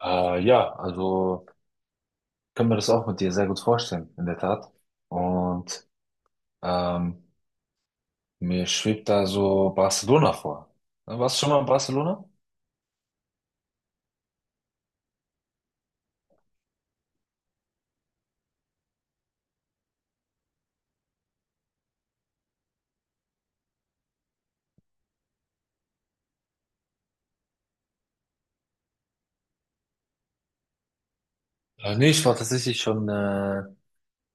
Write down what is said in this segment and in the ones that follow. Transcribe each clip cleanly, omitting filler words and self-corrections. Ja, also kann mir das auch mit dir sehr gut vorstellen, in der Tat. Und ähm, mir schwebt da so Barcelona vor. Warst du schon mal in Barcelona? Nee, ich war tatsächlich schon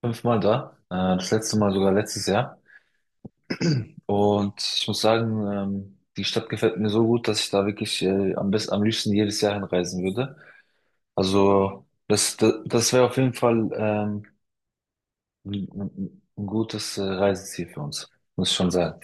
5-mal da. Das letzte Mal sogar letztes Jahr. Und ich muss sagen, die Stadt gefällt mir so gut, dass ich da wirklich am besten, am liebsten jedes Jahr hinreisen würde. Also das wäre auf jeden Fall ein gutes Reiseziel für uns, muss ich schon sagen.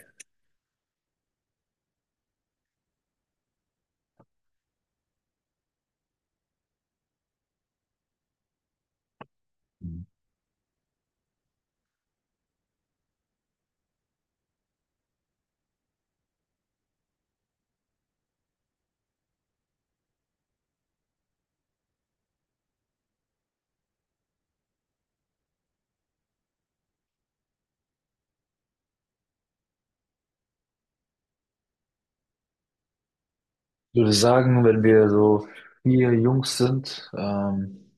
Ich würde sagen, wenn wir so vier Jungs sind,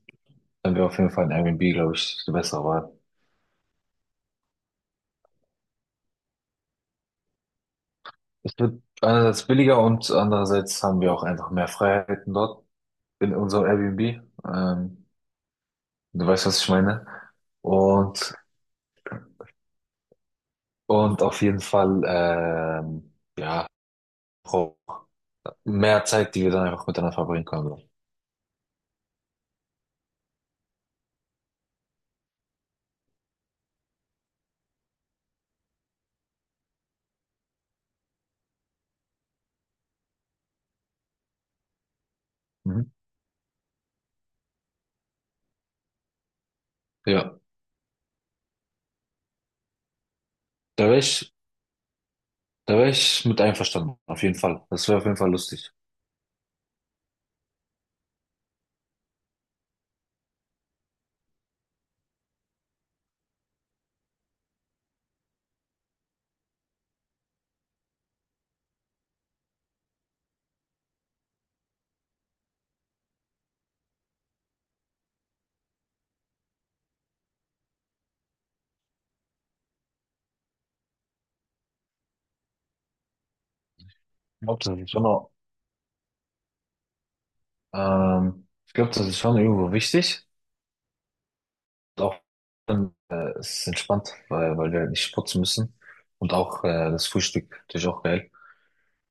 dann wäre auf jeden Fall ein Airbnb, glaube ich, die bessere Wahl. Es wird einerseits billiger und andererseits haben wir auch einfach mehr Freiheiten dort in unserem Airbnb. Du weißt, was ich meine. Und, und auf jeden Fall, ja, auch mehr Zeit, die wir dann einfach miteinander verbringen können. So. Mhm. Ja, da wäre ich, da wäre ich mit einverstanden, auf jeden Fall. Das wäre auf jeden Fall lustig. Ich glaube, das ist schon. Ich glaube, das ist schon irgendwo wichtig. Auch dann, es ist entspannt, weil wir halt nicht putzen müssen. Und auch das Frühstück natürlich auch geil.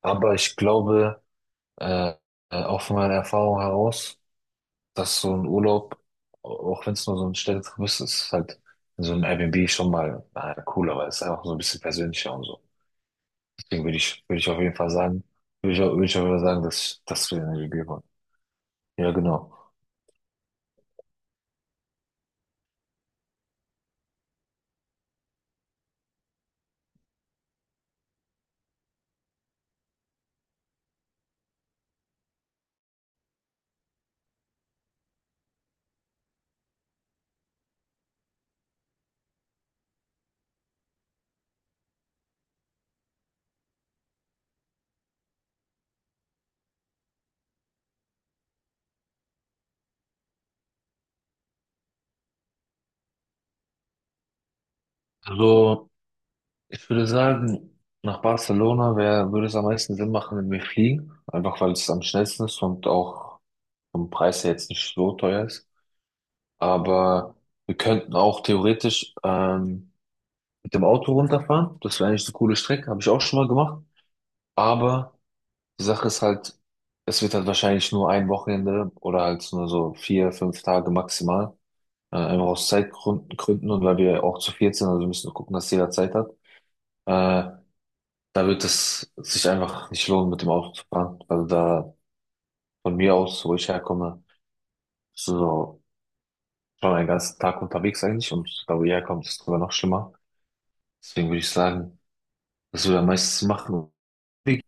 Aber ich glaube, äh, auch von meiner Erfahrung heraus, dass so ein Urlaub, auch wenn es nur so ein Städtetrip ist, ist halt in so einem Airbnb schon mal cooler, weil es ist einfach so ein bisschen persönlicher und so. Deswegen würde ich auf jeden Fall sagen, würde ich auf jeden Fall sagen, dass wir in der WG waren. Ja, genau. Also, ich würde sagen, nach Barcelona würde es am meisten Sinn machen, wenn wir fliegen. Einfach weil es am schnellsten ist und auch vom Preis her jetzt nicht so teuer ist. Aber wir könnten auch theoretisch mit dem Auto runterfahren. Das wäre eigentlich eine coole Strecke, habe ich auch schon mal gemacht. Aber die Sache ist halt, es wird halt wahrscheinlich nur ein Wochenende oder halt nur so 4, 5 Tage maximal. Einfach aus Zeitgründen Gründen und weil wir auch zu viert sind, also wir müssen gucken, dass jeder Zeit hat. Äh, Da wird es sich einfach nicht lohnen, mit dem Auto zu fahren. Also da von mir aus, wo ich herkomme, bist du so schon einen ganzen Tag unterwegs eigentlich und da wo ihr herkommt, ist es sogar noch schlimmer. Deswegen würde ich sagen, was wir da meistens machen, wir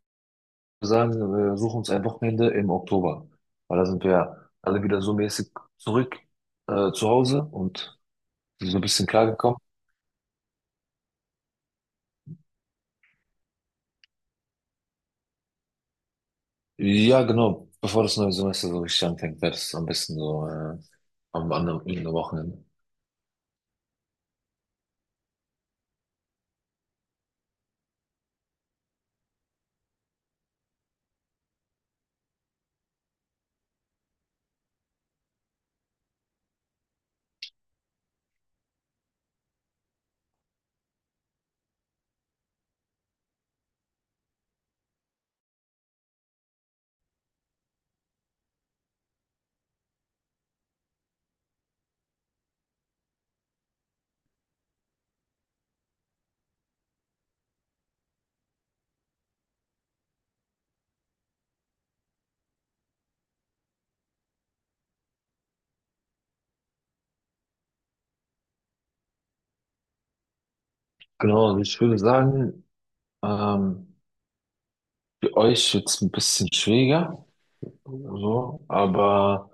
sagen, wir suchen uns ein Wochenende im Oktober. Weil da sind wir alle wieder so mäßig zurück zu Hause und so ein bisschen klargekommen. Ja, genau, bevor das neue Semester so richtig anfängt, wäre das am besten so am anderen Wochenende. Genau, also ich würde sagen, ähm, für euch jetzt ein bisschen schwieriger, so, aber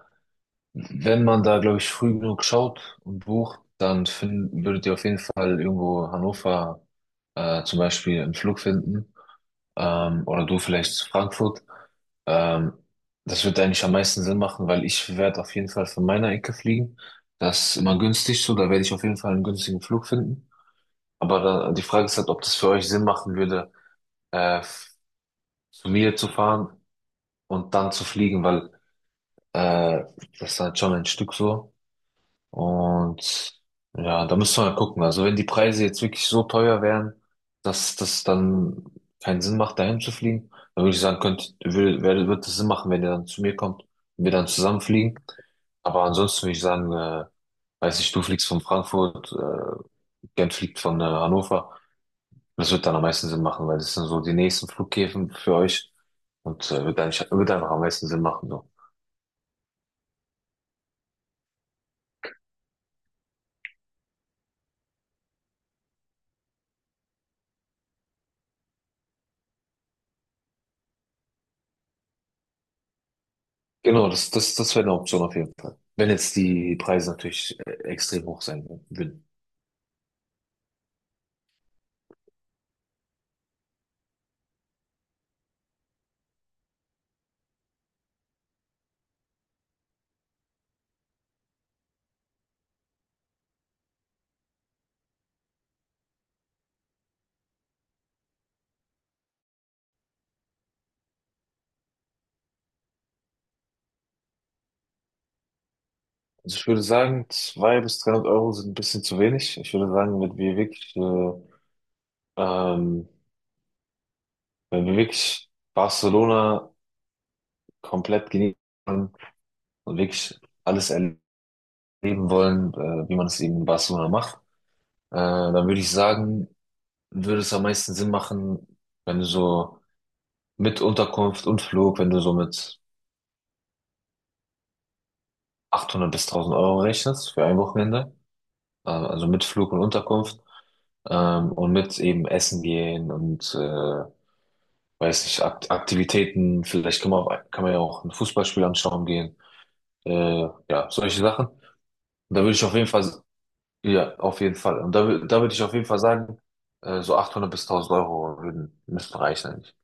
wenn man da, glaube ich, früh genug schaut und bucht, dann find, würdet ihr auf jeden Fall irgendwo Hannover zum Beispiel einen Flug finden oder du vielleicht zu Frankfurt. Ähm, das wird eigentlich am meisten Sinn machen, weil ich werde auf jeden Fall von meiner Ecke fliegen. Das ist immer günstig so, da werde ich auf jeden Fall einen günstigen Flug finden. Aber da, die Frage ist halt, ob das für euch Sinn machen würde, äh, zu mir zu fahren und dann zu fliegen, weil Äh, das ist halt schon ein Stück so. Und ja, da müssen wir mal gucken. Also wenn die Preise jetzt wirklich so teuer wären, dass das dann keinen Sinn macht, dahin zu fliegen, dann würde ich sagen, wird es Sinn machen, wenn ihr dann zu mir kommt und wir dann zusammen fliegen. Aber ansonsten würde ich sagen, weiß nicht, du fliegst von Frankfurt, Gent fliegt von Hannover. Das wird dann am meisten Sinn machen, weil das sind so die nächsten Flughäfen für euch und wird eigentlich, wird einfach am meisten Sinn machen. So. Genau, das wäre eine Option auf jeden Fall. Wenn jetzt die Preise natürlich extrem hoch sein würden. Also ich würde sagen, 200 bis 300 Euro sind ein bisschen zu wenig. Ich würde sagen, wenn wir wirklich, ähm, wenn wir wirklich Barcelona komplett genießen wollen und wirklich alles erleben wollen, wie man es eben in Barcelona macht, dann würde ich sagen, würde es am meisten Sinn machen, wenn du so mit Unterkunft und Flug, wenn du so mit 800 bis 1000 Euro rechnest für ein Wochenende. Also mit Flug und Unterkunft und mit eben Essen gehen und weiß nicht, Ak Aktivitäten, vielleicht kann man, auch, kann man ja auch ein Fußballspiel anschauen gehen, ja, solche Sachen. Und da würde ich auf jeden Fall, ja, auf jeden Fall. Und da, da würde ich auf jeden Fall sagen, so 800 bis 1000 Euro würden, müssten reichen eigentlich.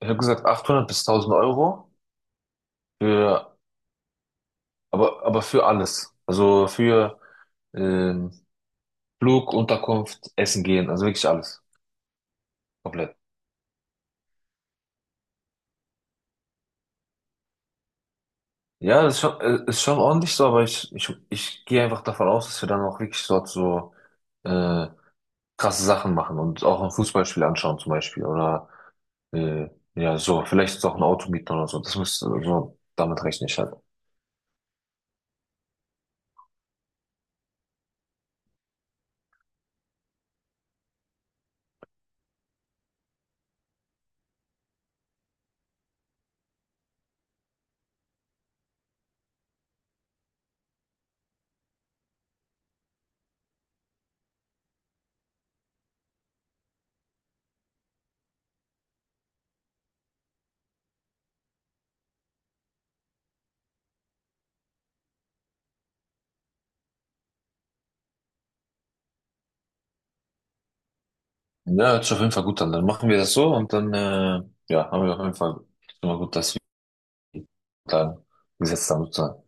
Ich habe gesagt 800 bis 1000 Euro für, aber für alles. Also für ähm, Flug, Unterkunft, Essen gehen, also wirklich alles. Komplett. Ja, das ist schon ordentlich so, aber ich gehe einfach davon aus, dass wir dann auch wirklich dort so äh, krasse Sachen machen und auch ein Fußballspiel anschauen zum Beispiel oder äh, ja, so, vielleicht ist auch ein Auto mieten oder so. Das müsste, so damit rechne ich halt. Ja, hört sich auf jeden Fall gut an. Dann machen wir das so und dann ja, haben wir auf jeden Fall schon mal gut, dass wir dann gesetzt haben sozusagen.